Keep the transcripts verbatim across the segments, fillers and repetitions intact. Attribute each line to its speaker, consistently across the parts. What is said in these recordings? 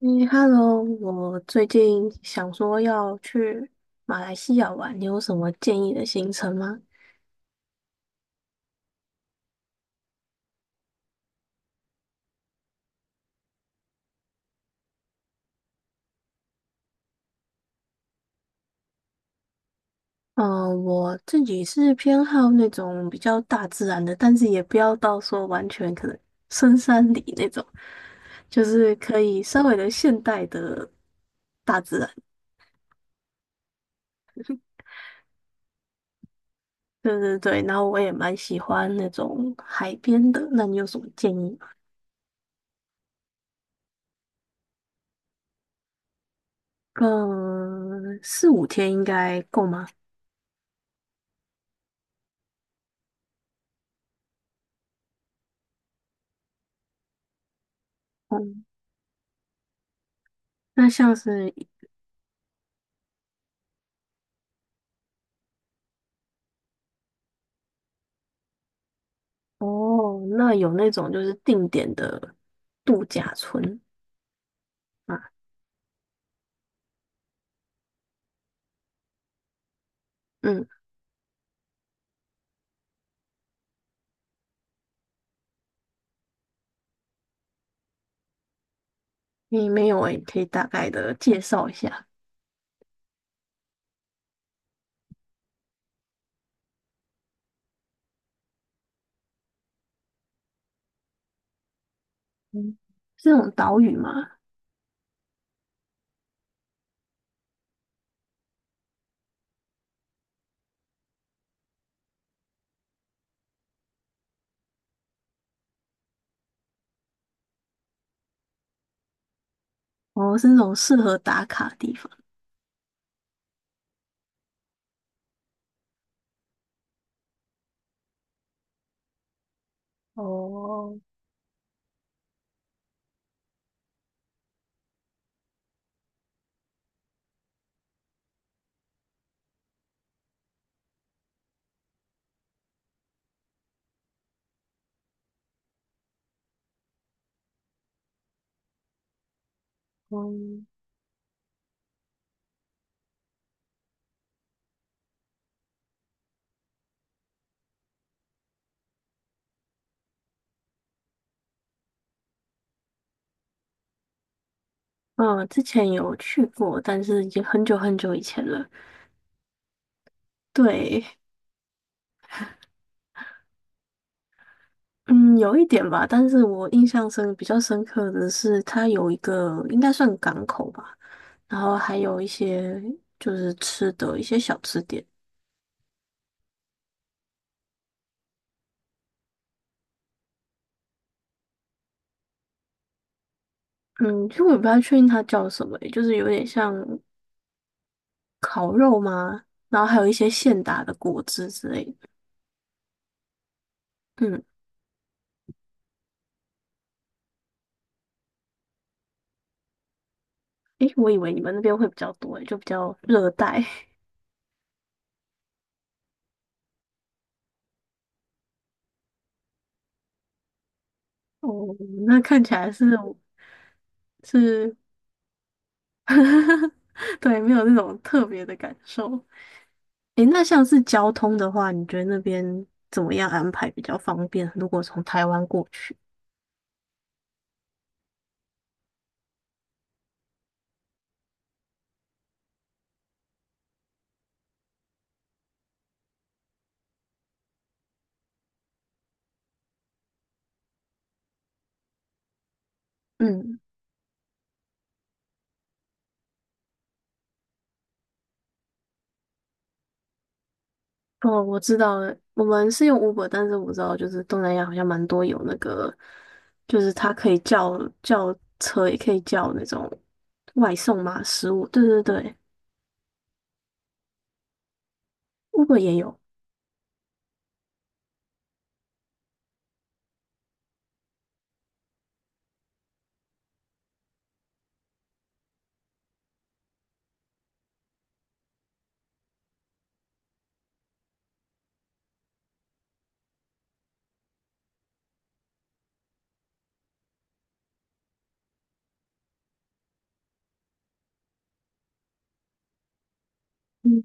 Speaker 1: 嗯，Hello，我最近想说要去马来西亚玩，你有什么建议的行程吗？嗯，我自己是偏好那种比较大自然的，但是也不要到说完全可能深山里那种，就是可以稍微的现代的大自然。对对对，然后我也蛮喜欢那种海边的，那你有什么建议吗？嗯，四五天应该够吗？嗯，那像是。哦，那有那种就是定点的度假村啊。嗯，你没有诶，可以大概的介绍一下。嗯，是那种岛屿嘛？哦，是那种适合打卡的地方。哦。嗯。嗯，之前有去过，但是已经很久很久以前了。对。嗯，有一点吧，但是我印象深比较深刻的是，它有一个应该算港口吧，然后还有一些就是吃的一些小吃店。嗯，其实我也不太确定它叫什么欸，就是有点像烤肉吗？然后还有一些现打的果汁之类的。嗯。诶，我以为你们那边会比较多欸，就比较热带。哦，那看起来是是，对，没有那种特别的感受。诶，那像是交通的话，你觉得那边怎么样安排比较方便？如果从台湾过去。嗯。哦，我知道了，我们是用 Uber，但是我知道就是东南亚好像蛮多有那个，就是它可以叫叫车，也可以叫那种外送嘛，食物。对对对，Uber 也有。嗯，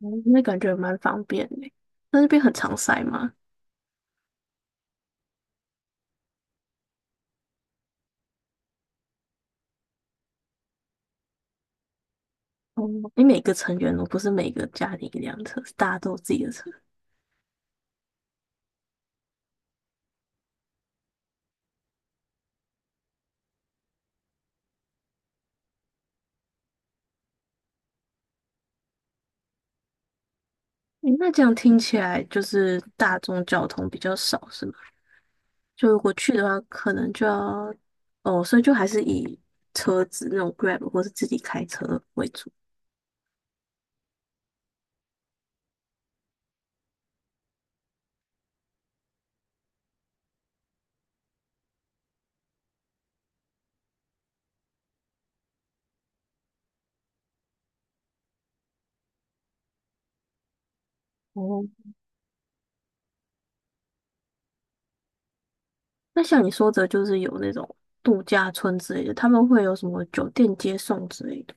Speaker 1: 哦，那感觉蛮方便的。那那边很常塞吗？哦，你每个成员哦，不是每个家庭一辆车，是大家都有自己的车。诶，那这样听起来就是大众交通比较少，是吗？就如果去的话，可能就要。哦，所以就还是以车子那种 Grab 或是自己开车为主。哦，那像你说的，就是有那种度假村之类的，他们会有什么酒店接送之类的。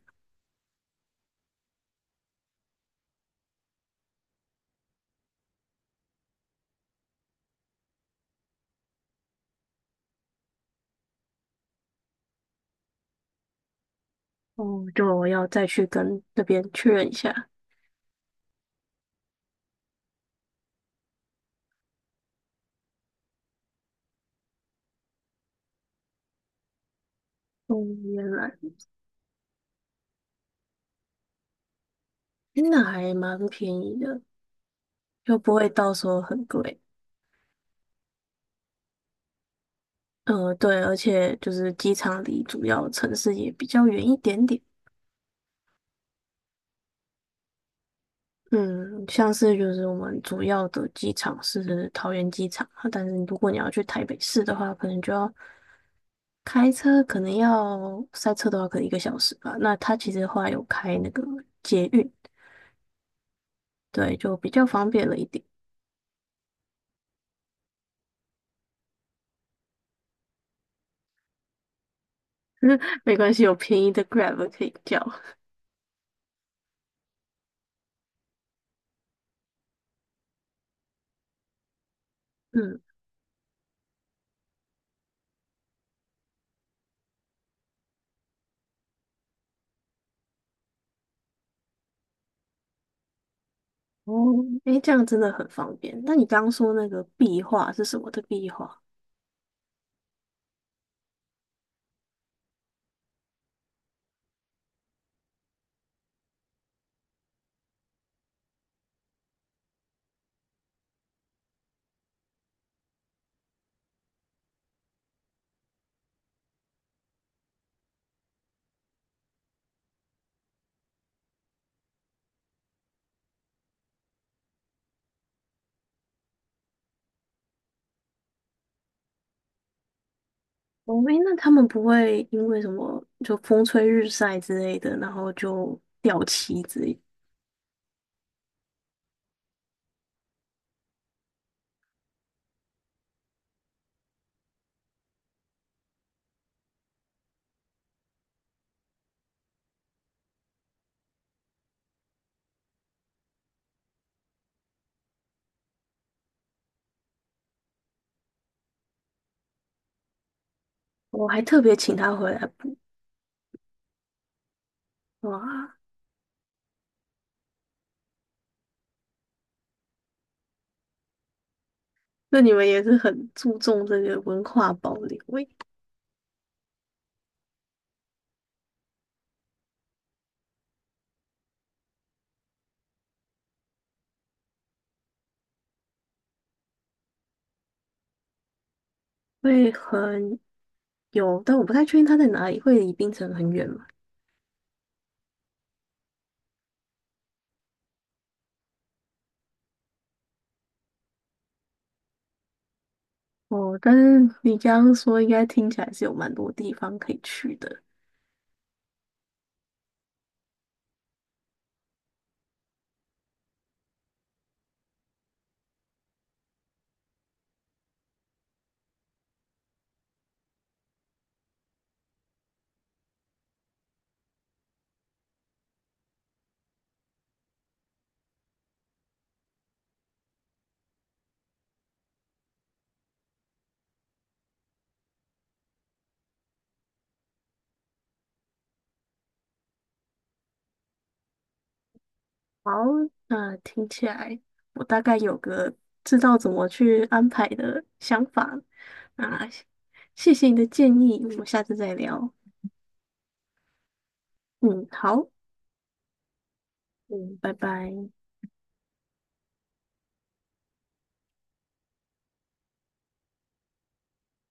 Speaker 1: 哦，就我要再去跟那边确认一下。哦，原来。那还蛮便宜的，就不会到时候很贵。呃，对，而且就是机场离主要城市也比较远一点点。嗯，像是就是我们主要的机场是桃园机场啊，但是如果你要去台北市的话，可能就要开车，可能要塞车的话，可能一个小时吧。那它其实后来有开那个捷运。对，就比较方便了一点。没关系，有便宜的 Grab 可以叫。嗯。 哦。诶，这样真的很方便。那你刚刚说那个壁画是什么的壁画？哦。诶，那他们不会因为什么就风吹日晒之类的，然后就掉漆之类的。我还特别请他回来补。哇，那你们也是很注重这个文化保留诶。会很有，但我不太确定他在哪里，会离槟城很远吗？哦，但是你刚刚说应该听起来是有蛮多地方可以去的。好，那听起来我大概有个知道怎么去安排的想法。啊，谢谢你的建议，我们下次再聊。嗯，好。嗯，拜拜。